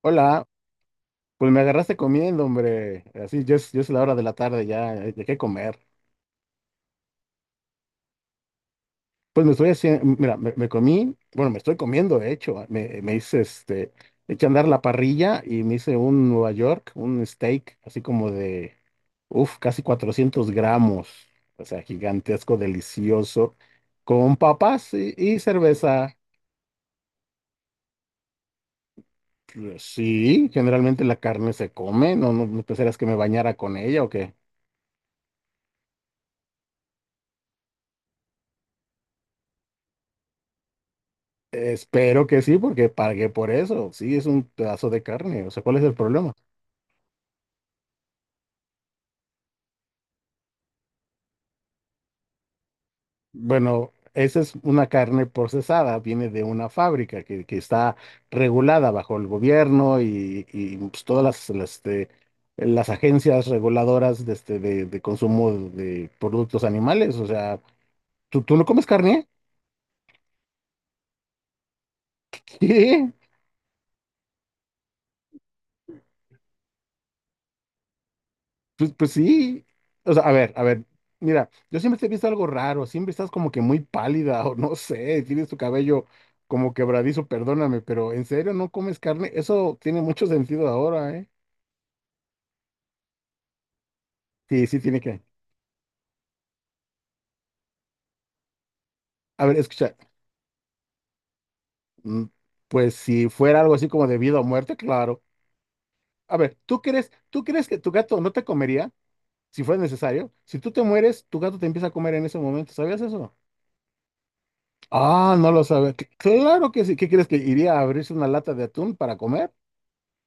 Hola, pues me agarraste comiendo, hombre. Así, ya es la hora de la tarde, ya hay que comer. Pues me estoy haciendo, mira, me comí, bueno, me estoy comiendo, de hecho, me hice eché a andar la parrilla y me hice un Nueva York, un steak, así como de, uff, casi 400 gramos, o sea, gigantesco, delicioso, con papas y cerveza. Sí, generalmente la carne se come, no, no, no pensarías que me bañara con ella o qué. Espero que sí, porque pagué por eso. Sí, es un pedazo de carne. O sea, ¿cuál es el problema? Bueno, esa es una carne procesada, viene de una fábrica que está regulada bajo el gobierno y pues, todas las agencias reguladoras de consumo de productos animales. O sea, ¿tú no comes carne? ¿Qué? Pues sí. O sea, a ver. Mira, yo siempre te he visto algo raro. Siempre estás como que muy pálida o no sé. Tienes tu cabello como quebradizo, perdóname, pero ¿en serio no comes carne? Eso tiene mucho sentido ahora, ¿eh? Sí, sí tiene que. A ver, escucha. mm, Pues si fuera algo así como de vida o muerte, claro. A ver, ¿tú crees que tu gato no te comería si fuera necesario? Si tú te mueres, tu gato te empieza a comer en ese momento. ¿Sabías eso? Ah, no lo sabía. Claro que sí. ¿Qué crees que iría a abrirse una lata de atún para comer?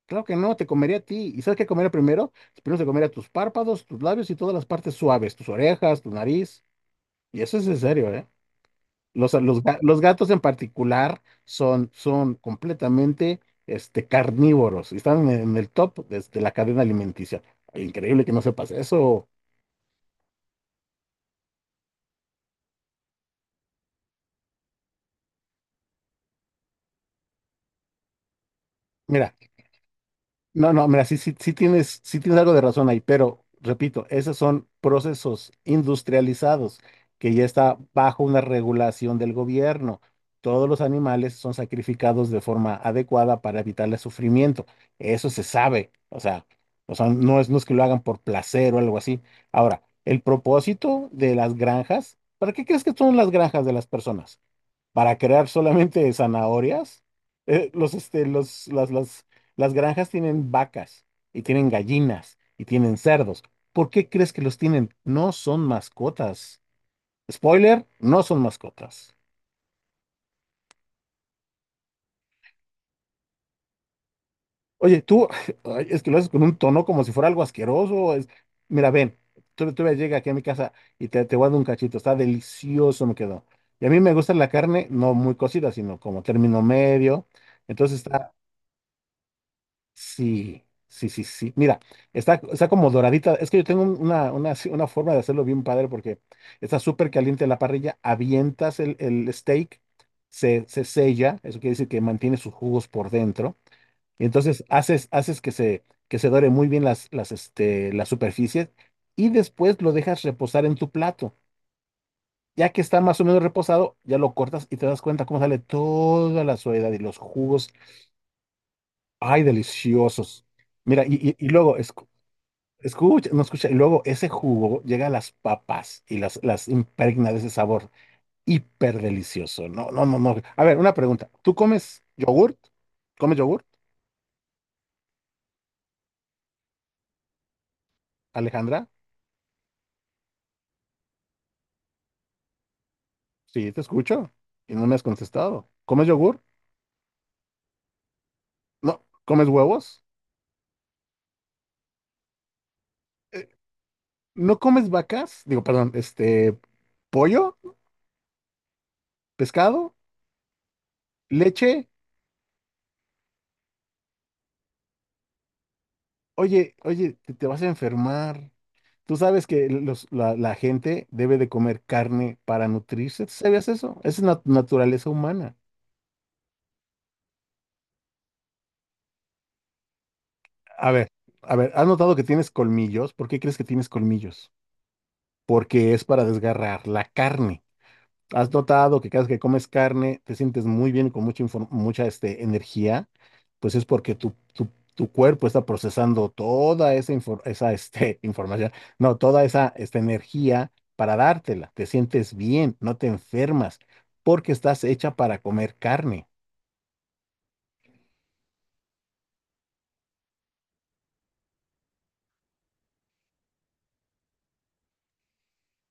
Claro que no, te comería a ti. ¿Y sabes qué comería primero? Primero se comería tus párpados, tus labios y todas las partes suaves, tus orejas, tu nariz. Y eso es en serio, ¿eh? Los gatos en particular son, son completamente carnívoros y están en el top de la cadena alimenticia. Increíble que no sepas eso. Mira, no, no, mira, sí, sí, sí tienes algo de razón ahí, pero repito, esos son procesos industrializados que ya está bajo una regulación del gobierno. Todos los animales son sacrificados de forma adecuada para evitar el sufrimiento. Eso se sabe. O sea, no es que lo hagan por placer o algo así. Ahora, el propósito de las granjas, ¿para qué crees que son las granjas de las personas? Para crear solamente zanahorias. Los, este, los, las granjas tienen vacas y tienen gallinas y tienen cerdos. ¿Por qué crees que los tienen? No son mascotas. Spoiler, no son mascotas. Oye, tú, ay, es que lo haces con un tono como si fuera algo asqueroso. Mira, ven, tú llega aquí a mi casa y te voy a dar un cachito. Está delicioso, me quedó. Y a mí me gusta la carne, no muy cocida, sino como término medio. Entonces está. Sí, sí, sí, sí. Mira, está como doradita. Es que yo tengo una forma de hacerlo bien padre porque está súper caliente la parrilla, avientas el steak, se sella, eso quiere decir que mantiene sus jugos por dentro. Y entonces haces que se dore muy bien las superficies y después lo dejas reposar en tu plato. Ya que está más o menos reposado, ya lo cortas y te das cuenta cómo sale toda la suavidad y los jugos. ¡Ay, deliciosos! Mira, y luego, escucha, no escucha. Y luego ese jugo llega a las papas y las impregna de ese sabor hiper delicioso. No, no, no, no. A ver, una pregunta. ¿Tú comes yogurt? ¿Comes yogurt, Alejandra? Sí, te escucho y no me has contestado. ¿Comes yogurt? No. ¿Comes huevos? Eh, ¿No comes vacas? Digo, perdón, pollo, pescado, leche. Oye, oye, te vas a enfermar. Tú sabes que la gente debe de comer carne para nutrirse. ¿Tú sabías eso? Esa es la naturaleza humana. A ver, a ver, ¿has notado que tienes colmillos? ¿Por qué crees que tienes colmillos? Porque es para desgarrar la carne. ¿Has notado que cada vez que comes carne te sientes muy bien, con mucha energía? Pues es porque tu cuerpo está procesando toda esa, información, no, toda esa esta energía para dártela. Te sientes bien, no te enfermas, porque estás hecha para comer carne.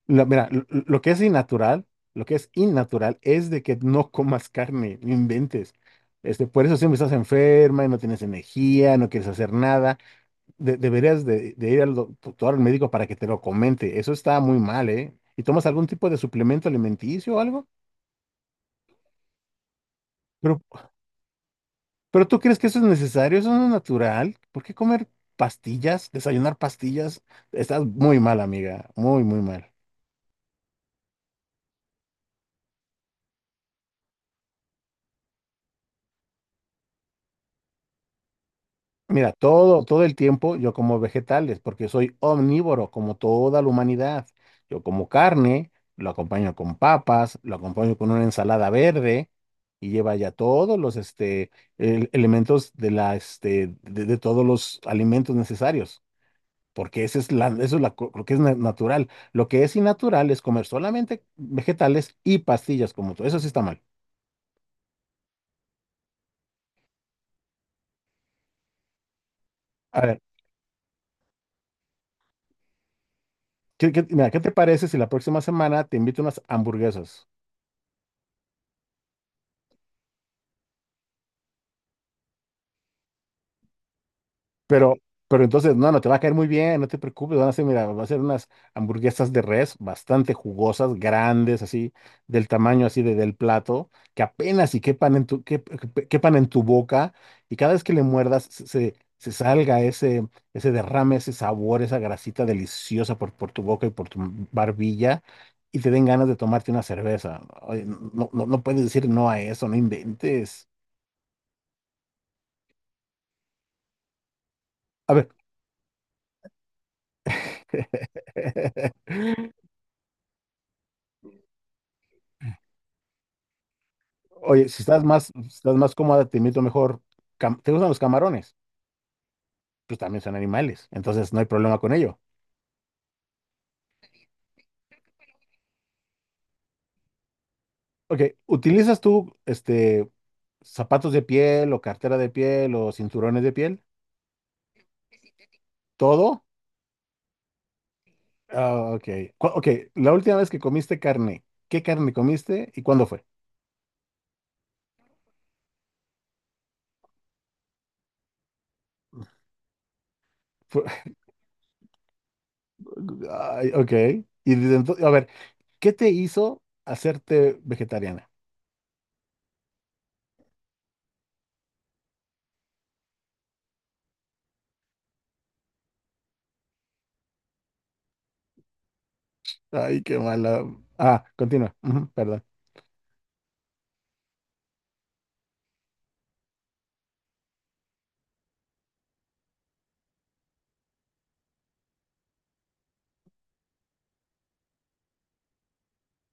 Mira, lo que es innatural, lo que es innatural es de que no comas carne, no inventes. Este, por eso siempre estás enferma y no tienes energía, no quieres hacer nada deberías de ir al doctor, al médico para que te lo comente. Eso está muy mal, ¿eh? ¿Y tomas algún tipo de suplemento alimenticio o algo? Pero, pero ¿tú crees que eso es necesario? ¿Eso no es natural? ¿Por qué comer pastillas? ¿Desayunar pastillas? Estás muy mal, amiga. Muy, muy mal. Mira, todo el tiempo yo como vegetales, porque soy omnívoro, como toda la humanidad. Yo como carne, lo acompaño con papas, lo acompaño con una ensalada verde y lleva ya todos los elementos de la, este, de todos los alimentos necesarios, porque esa es la, eso es la co- lo que es natural. Lo que es innatural es comer solamente vegetales y pastillas como tú. Eso sí está mal. A ver, mira, ¿qué te parece si la próxima semana te invito a unas hamburguesas? Pero, pero entonces, no, no te va a caer muy bien, no te preocupes, van a ser, mira, va a ser unas hamburguesas de res bastante jugosas, grandes, así, del tamaño así de, del plato, que apenas y quepan en tu quepan en tu boca, y cada vez que le muerdas se salga ese, ese derrame, ese sabor, esa grasita deliciosa por tu boca y por tu barbilla, y te den ganas de tomarte una cerveza. Ay, no, no, no puedes decir no a eso, no inventes. A ver. Oye, si estás más, si estás más cómoda, te invito mejor. ¿Te gustan los camarones? Pues también son animales, entonces no hay problema con ello. Ok, ¿utilizas tú este zapatos de piel o cartera de piel o cinturones de piel? ¿Todo? Ah, ok. Ok, la última vez que comiste carne, ¿qué carne comiste y cuándo fue? Fue- Ay, ok. Y desde entonces, a ver, ¿qué te hizo hacerte vegetariana? Ay, qué mala. Ah, continúa. Ujú, perdón.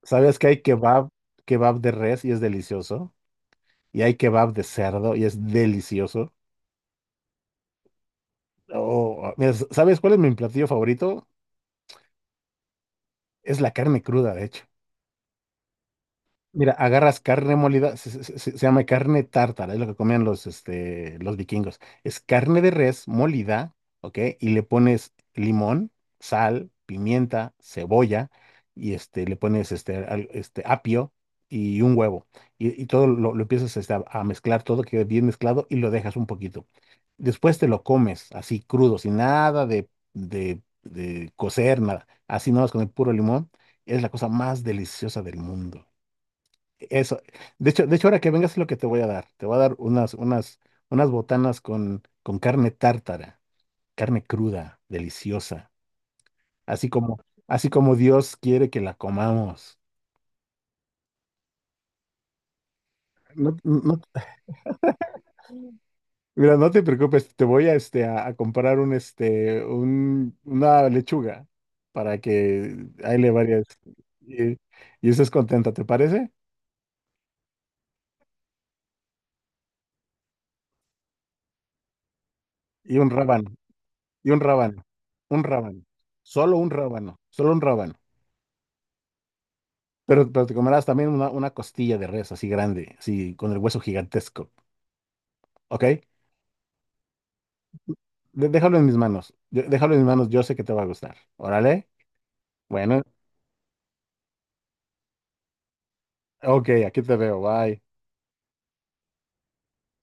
¿Sabes que hay kebab, kebab de res y es delicioso? Y hay kebab de cerdo y es delicioso. Oh, mira, ¿sabes cuál es mi platillo favorito? Es la carne cruda, de hecho. Mira, agarras carne molida, se llama carne tártara, es lo que comían los vikingos. Es carne de res molida, ¿ok? Y le pones limón, sal, pimienta, cebolla, y este, le pones este, apio y un huevo. Y todo lo empiezas a mezclar, todo queda bien mezclado y lo dejas un poquito. Después te lo comes así crudo, sin nada de cocer, nada. Así nomás con el puro limón. Es la cosa más deliciosa del mundo. Eso. De hecho, ahora que vengas es lo que te voy a dar. Te voy a dar unas botanas con carne tártara, carne cruda, deliciosa. Así como, así como Dios quiere que la comamos. No, mira, no te preocupes, te voy a, a comprar una lechuga para que ahí le varias y, y estés contenta, ¿te parece? Y un rábano, y un rábano, solo un rábano, solo un rábano. Pero te comerás también una costilla de res así grande, así con el hueso gigantesco, ¿ok? Déjalo en mis manos, yo déjalo en mis manos, yo sé que te va a gustar. Órale, bueno, ok, aquí te veo, bye.